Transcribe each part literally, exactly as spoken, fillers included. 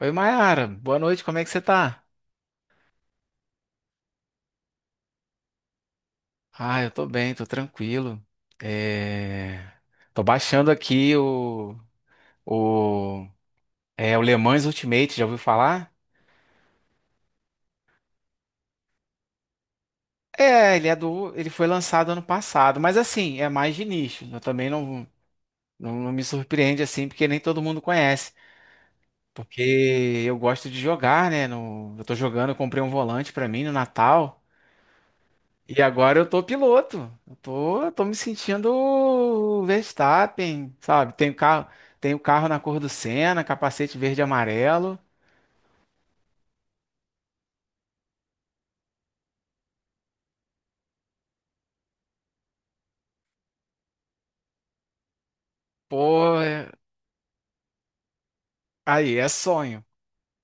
Oi, Mayara. Boa noite, como é que você tá? Ah, eu tô bem, tô tranquilo. É... Tô baixando aqui o... O... É, o Le Mans Ultimate, já ouviu falar? É, ele é do... Ele foi lançado ano passado, mas assim, é mais de nicho. Eu também não, não, não me surpreende assim, porque nem todo mundo conhece. Porque eu gosto de jogar, né? No... Eu tô jogando, eu comprei um volante pra mim no Natal. E agora eu tô piloto. Eu tô, eu tô me sentindo o Verstappen, sabe? Tenho carro, tenho carro na cor do Senna, capacete verde e amarelo. Pô, é- aí é sonho.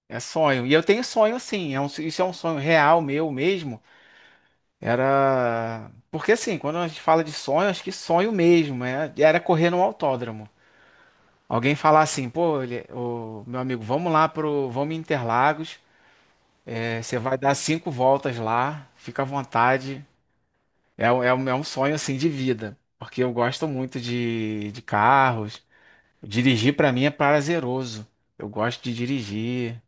É sonho. E eu tenho sonho sim. É um- isso é um sonho real meu mesmo. Era. Porque assim, quando a gente fala de sonho, acho que sonho mesmo. É, era correr no autódromo. Alguém falar assim, pô, ele- ô, meu amigo, vamos lá pro. Vamos em Interlagos. é, você vai dar cinco voltas lá. Fica à vontade. É, um- é, um- é um sonho assim de vida, porque eu gosto muito de, de carros. Dirigir pra mim é prazeroso. Eu gosto de dirigir.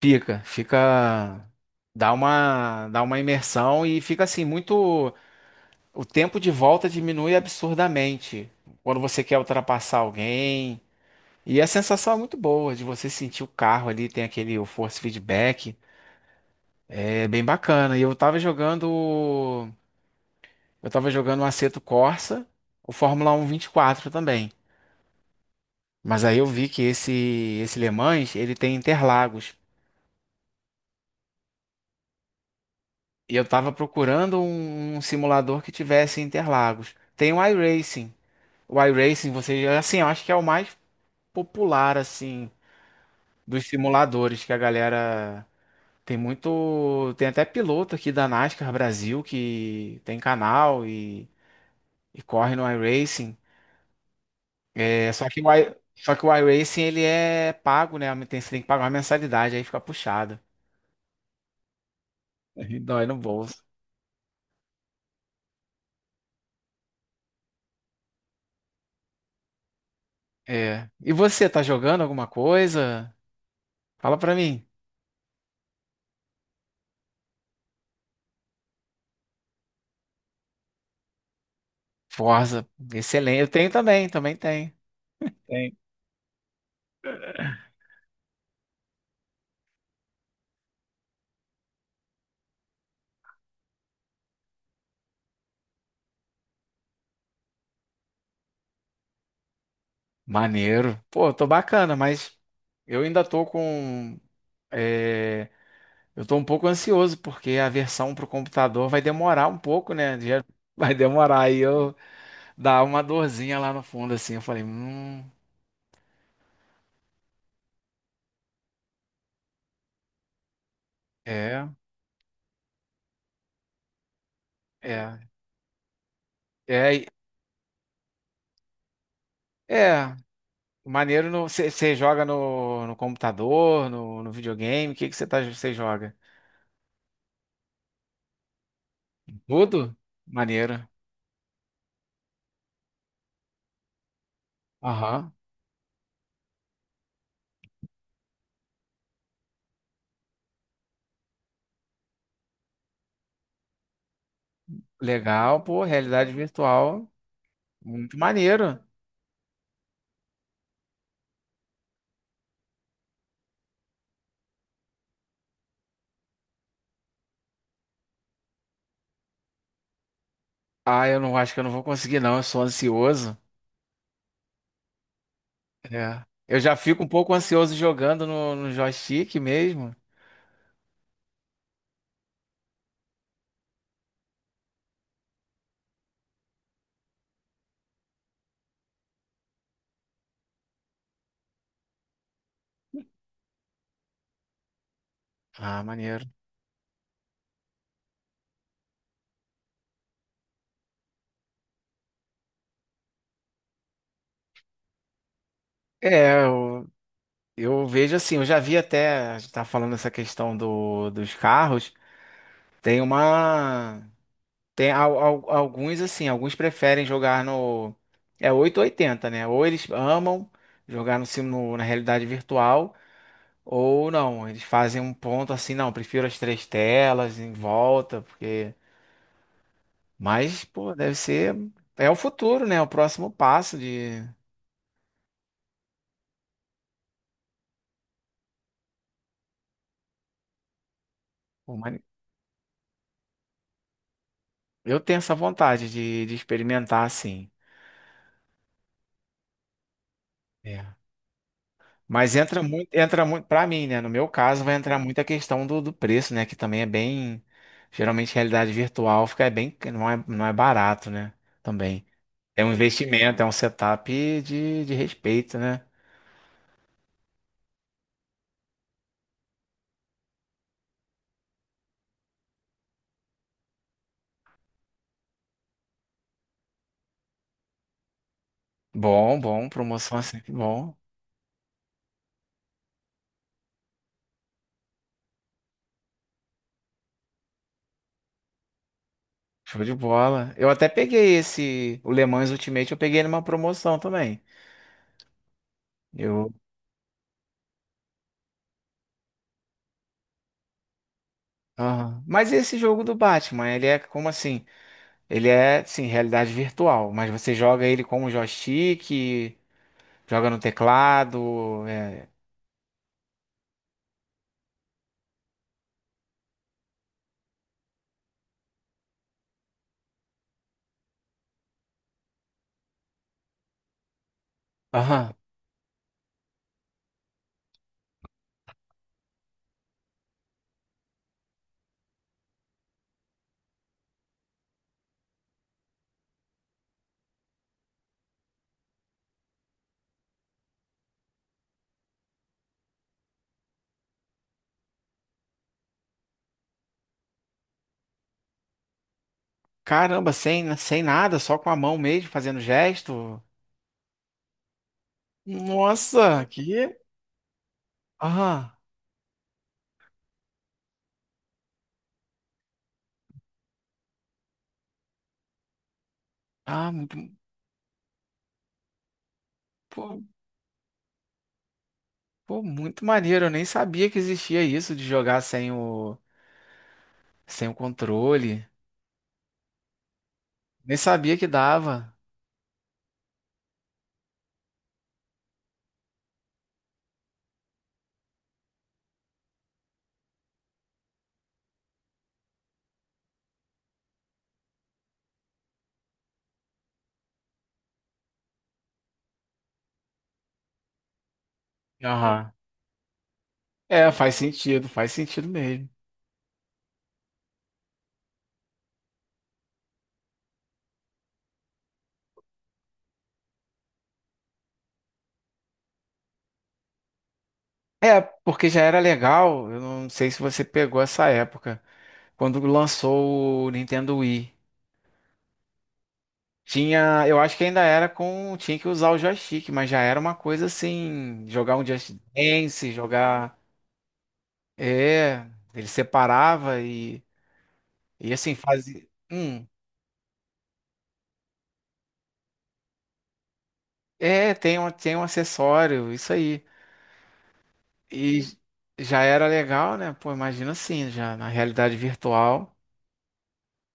Fica, fica, dá uma, dá uma imersão e fica assim muito. O tempo de volta diminui absurdamente quando você quer ultrapassar alguém. E a sensação é muito boa de você sentir o carro ali, tem aquele o force feedback. É bem bacana. E eu tava jogando. Eu tava jogando o Assetto Corsa, o Fórmula Um vinte e quatro também. Mas aí eu vi que esse esse Le Mans, ele tem Interlagos. E eu tava procurando um, um simulador que tivesse Interlagos. Tem o iRacing. O iRacing, você, assim, eu acho que é o mais popular assim dos simuladores que a galera tem muito, tem até piloto aqui da NASCAR Brasil que tem canal e, e corre no iRacing. É, só que o, i- só que o iRacing ele é pago, né? Tem- Você tem que pagar uma mensalidade, aí fica puxado. Dói no bolso. É. E você, tá jogando alguma coisa? Fala pra mim. Forza, excelente. Eu tenho também, também tenho. Tem. Maneiro. Pô, tô bacana, mas eu ainda tô com. é, eu tô um pouco ansioso, porque a versão pro computador vai demorar um pouco, né? Já Vai demorar. Aí eu dá uma dorzinha lá no fundo, assim. Eu falei, hum, é, é. É, e- é maneiro. Você joga no, no computador, no, no videogame? O que que você tá, você joga? Tudo? Maneiro. Aham. Legal, pô, realidade virtual. Muito maneiro. Ah, eu não acho que eu não vou conseguir, não. Eu sou ansioso. É. Eu já fico um pouco ansioso jogando no, no joystick mesmo. Ah, maneiro. É, eu, eu vejo assim, eu já vi até, a gente tá falando essa questão do, dos carros, tem uma, Tem al- al- alguns assim, alguns preferem jogar no. É oito ou oitenta né? Ou eles amam jogar no, sim- no- na realidade virtual, ou não. Eles fazem um ponto assim, não, prefiro as três telas em volta, porque. Mas, pô, deve ser. É o futuro, né? É O próximo passo de. humani- Eu tenho essa vontade de, de experimentar assim. Mas entra muito, entra muito, para mim, né? No meu caso, vai entrar muito a questão do, do preço, né? Que também é bem. Geralmente, realidade virtual fica é bem, não é, não é barato, né? Também. É um investimento, é um setup de, de respeito, né? Bom, bom, promoção é sempre bom. Show de bola. Eu até peguei esse, o Le Mans Ultimate, eu peguei numa promoção também. Eu. Aham. Mas esse jogo do Batman, ele é como assim? Ele é, sim, realidade virtual, mas você joga ele com o joystick. Joga no teclado. é. Aham. Caramba, sem, sem nada, só com a mão mesmo, fazendo gesto. Nossa, que. Aham. Ah, muito, pô, pô, muito maneiro. Eu nem sabia que existia isso de jogar sem o, sem o controle. Nem sabia que dava. Aham. É, faz sentido, faz sentido mesmo. É, porque já era legal. Eu não sei se você pegou essa época, quando lançou o Nintendo Wii. Tinha, eu acho que ainda era com, tinha que usar o joystick, mas já era uma coisa assim, jogar um Just Dance, jogar, é, ele separava e, e assim, fazia, hum, é, tem um, tem um acessório, isso aí. E já era legal, né? Pô, imagina assim, já na realidade virtual.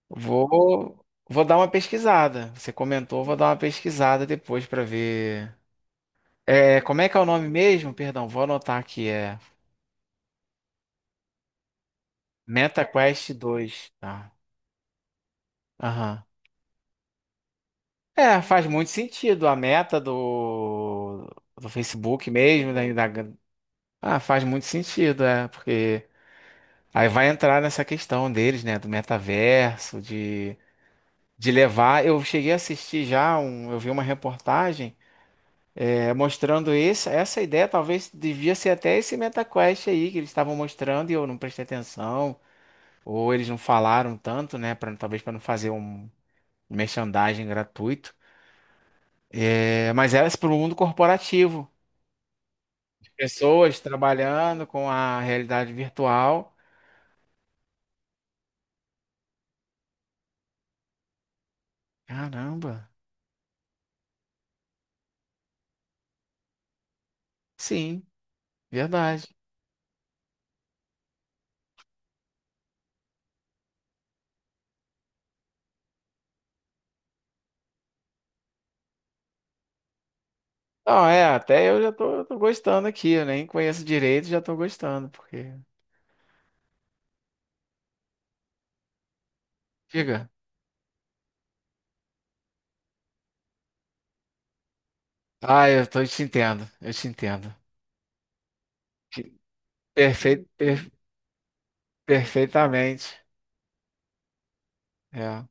Vou, vou dar uma pesquisada. Você comentou, vou dar uma pesquisada depois pra ver. É, como é que é o nome mesmo? Perdão, vou anotar aqui, é meta quest dois, tá? Aham. É, faz muito sentido. A meta do, do Facebook mesmo, da, da- Ah, faz muito sentido, é, porque aí vai entrar nessa questão deles, né, do metaverso, de, de levar. Eu cheguei a assistir já, um, eu vi uma reportagem é, mostrando esse, essa ideia, talvez devia ser até esse MetaQuest aí que eles estavam mostrando e eu não prestei atenção, ou eles não falaram tanto, né, pra, talvez para não fazer um merchandising gratuito. É, mas era para o mundo corporativo. Pessoas trabalhando com a realidade virtual. Caramba, sim, verdade. Não, é, até eu já tô, tô, gostando aqui, eu nem conheço direito, já tô gostando, porque. Diga. Ah, eu tô, eu te entendo, eu te entendo. Perfeito, per- perfeitamente. É.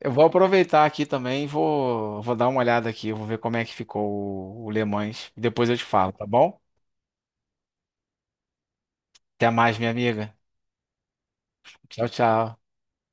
Eu vou aproveitar aqui também, e vou, vou dar uma olhada aqui, eu vou ver como é que ficou o, o Le Mans. Depois eu te falo, tá bom? Até mais, minha amiga. Tchau, tchau.